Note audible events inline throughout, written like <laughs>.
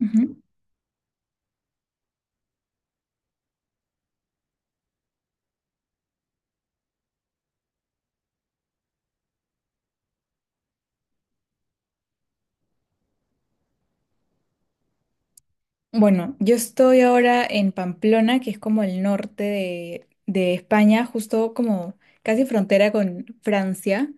Ujú. Bueno, yo estoy ahora en Pamplona, que es como el norte de España, justo como casi frontera con Francia.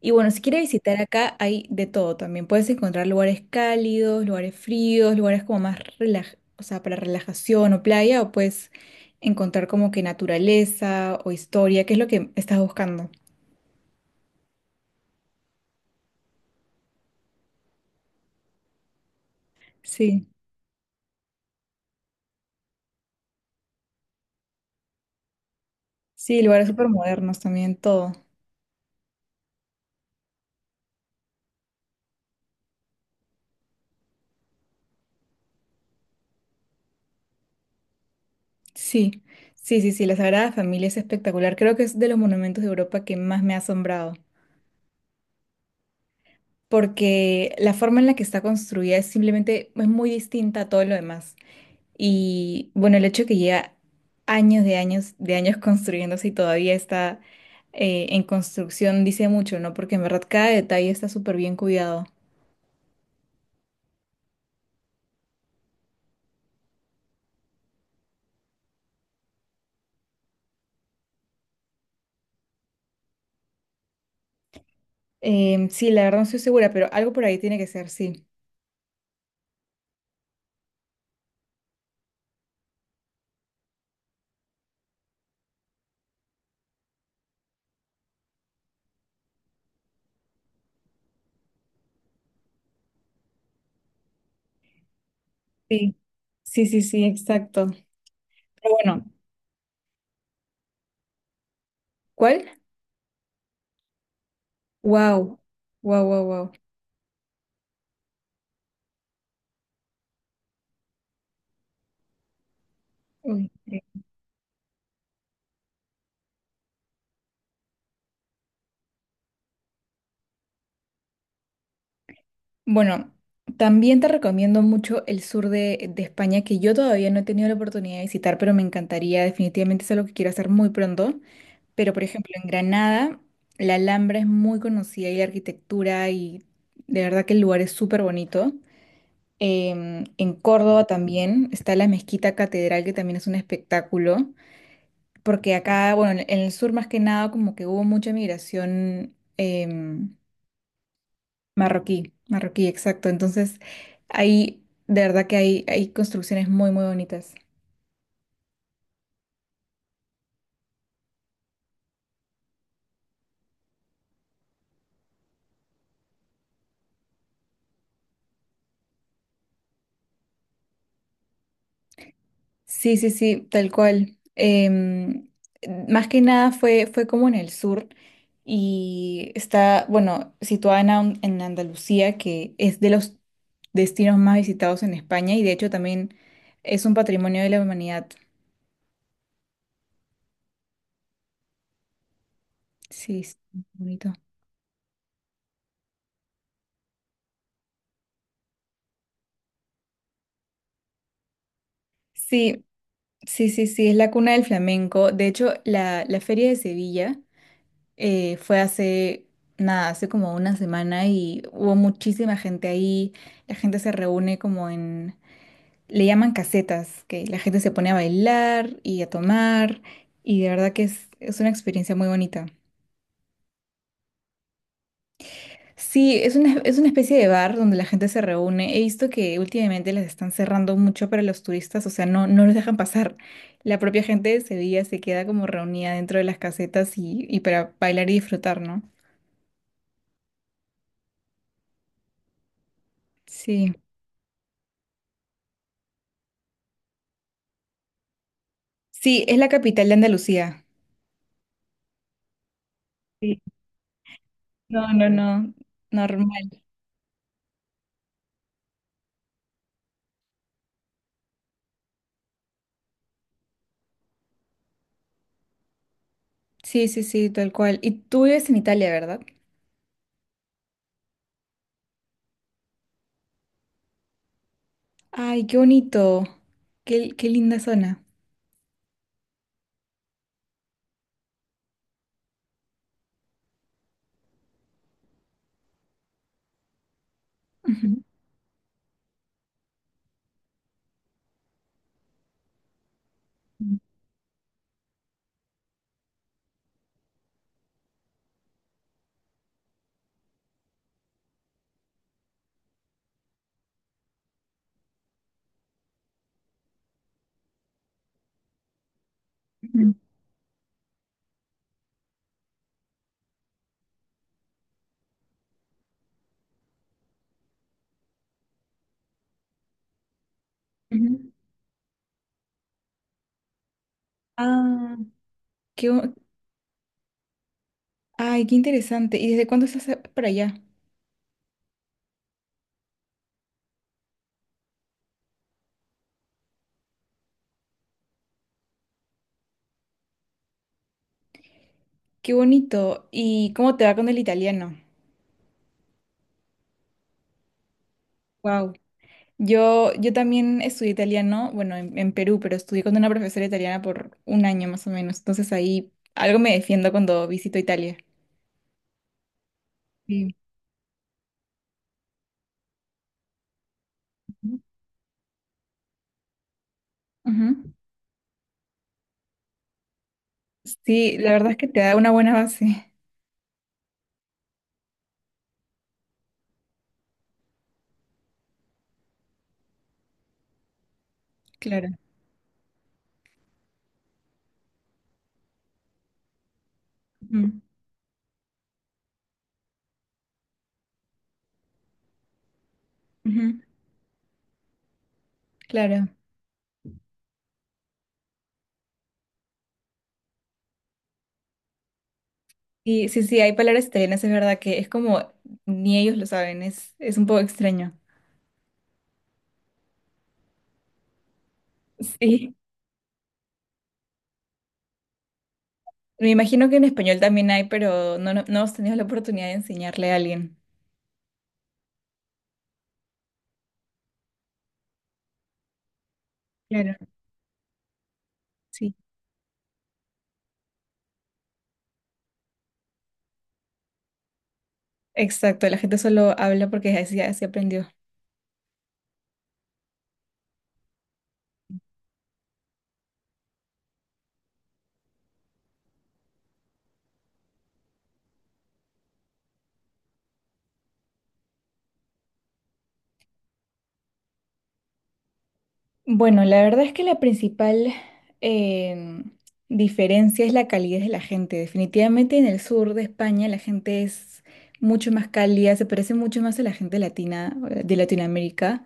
Y bueno, si quieres visitar acá hay de todo también. Puedes encontrar lugares cálidos, lugares fríos, lugares como más o sea, para relajación o playa, o puedes encontrar como que naturaleza o historia, que es lo que estás buscando. Sí, sí, lugares súper modernos también, todo. Sí, sí, sí, sí, la Sagrada Familia es espectacular. Creo que es de los monumentos de Europa que más me ha asombrado, porque la forma en la que está construida es simplemente es muy distinta a todo lo demás. Y bueno, el hecho de que lleva años de años de años construyéndose y todavía está en construcción dice mucho, ¿no? Porque en verdad cada detalle está súper bien cuidado. Sí, la verdad no estoy segura, pero algo por ahí tiene que ser, sí. Sí, sí, sí, sí, exacto. Pero bueno, ¿cuál? Wow, wow, wow, wow. Uy, sí. Bueno, también te recomiendo mucho el sur de España, que yo todavía no he tenido la oportunidad de visitar, pero me encantaría, definitivamente es algo que quiero hacer muy pronto. Pero, por ejemplo, en Granada, la Alhambra es muy conocida y la arquitectura y de verdad que el lugar es súper bonito. En Córdoba también está la Mezquita Catedral, que también es un espectáculo, porque acá, bueno, en el sur más que nada, como que hubo mucha migración. Marroquí, marroquí, exacto. Entonces, ahí, de verdad que hay construcciones muy, muy bonitas. Sí, sí, sí, tal cual. Más que nada fue como en el sur y está, bueno, situada en Andalucía, que es de los destinos más visitados en España y de hecho también es un patrimonio de la humanidad. Sí, sí, bonito. Sí, sí, sí, sí, es la cuna del flamenco. De hecho, la Feria de Sevilla. Fue hace, nada, hace como una semana y hubo muchísima gente ahí. La gente se reúne como en, le llaman casetas, que la gente se pone a bailar y a tomar y de verdad que es una experiencia muy bonita. Sí, es una especie de bar donde la gente se reúne. He visto que últimamente les están cerrando mucho para los turistas, o sea, no, no los dejan pasar. La propia gente de Sevilla se queda como reunida dentro de las casetas y para bailar y disfrutar, ¿no? Sí. Sí, es la capital de Andalucía. Sí. No, no, no, normal. Sí, sí, sí, tal cual. Y tú vives en Italia, ¿verdad? Ay, qué bonito. Qué linda zona. Ujú, ujú, ujú. Ah, qué, bo- ay, qué interesante. ¿Y desde cuándo estás para allá? Qué bonito. ¿Y cómo te va con el italiano? Wow. Yo también estudié italiano, bueno, en Perú, pero estudié con una profesora italiana por un año más o menos. Entonces ahí algo me defiendo cuando visito Italia. Ujú. Sí, la verdad es que te da una buena base. Claro. Ujú. Ujú. Claro. Y sí, sí, hay palabras italianas, es verdad que es como ni ellos lo saben, es un poco extraño. Sí. Me imagino que en español también hay, pero no, no, no hemos tenido la oportunidad de enseñarle a alguien. Claro, sí. Exacto, la gente solo habla porque así, así aprendió. Bueno, la verdad es que la principal em, diferencia es la calidez de la gente. Definitivamente en el sur de España la gente es mucho más cálida, se parece mucho más a la gente latina, de Latinoamérica.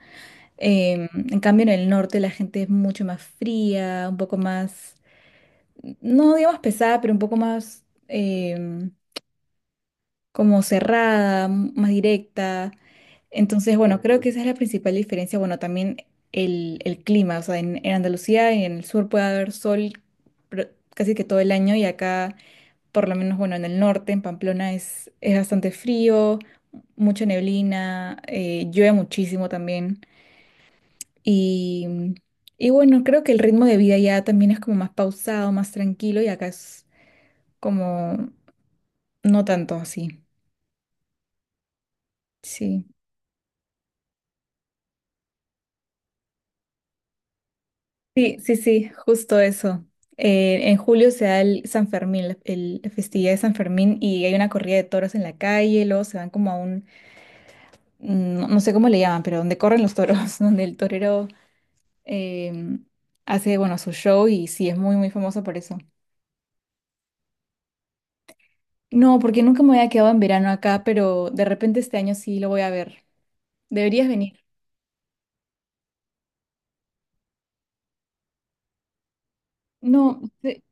En cambio en el norte la gente es mucho más fría, un poco más, no digamos pesada, pero un poco más como cerrada, más directa. Entonces, bueno, creo que esa es la principal diferencia. Bueno, también el clima, o sea, en Andalucía y en el sur puede haber sol pero casi que todo el año y acá, por lo menos, bueno, en el norte, en Pamplona, es bastante frío, mucha neblina, llueve muchísimo también. Y, y bueno, creo que el ritmo de vida ya también es como más pausado, más tranquilo y acá es como no tanto así. Sí. Sí, sí, sí, justo eso. En julio se da el San Fermín, la festividad de San Fermín, y hay una corrida de toros en la calle, luego se van como a un, no, no sé cómo le llaman, pero donde corren los toros, <laughs> donde el torero em, hace, bueno, su show y sí, es muy, muy famoso por eso. No, porque nunca me había quedado en verano acá, pero de repente este año sí lo voy a ver. Deberías venir. No, estoy,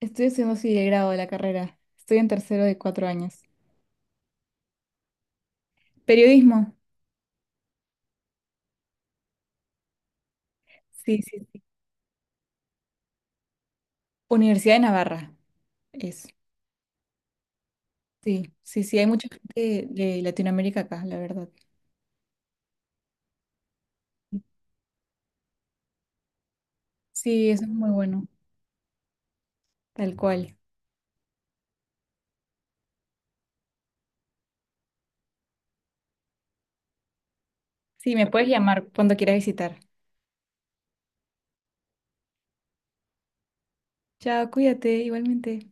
estoy estudiando sí el grado de la carrera. Estoy en tercero de 4 años. Periodismo. Sí, sí, sí. Universidad de Navarra es. Sí, sí, sí, hay mucha gente de Latinoamérica acá, la verdad. Sí, eso es muy bueno, tal cual. Sí, me puedes llamar cuando quieras visitar. Chao, cuídate, igualmente.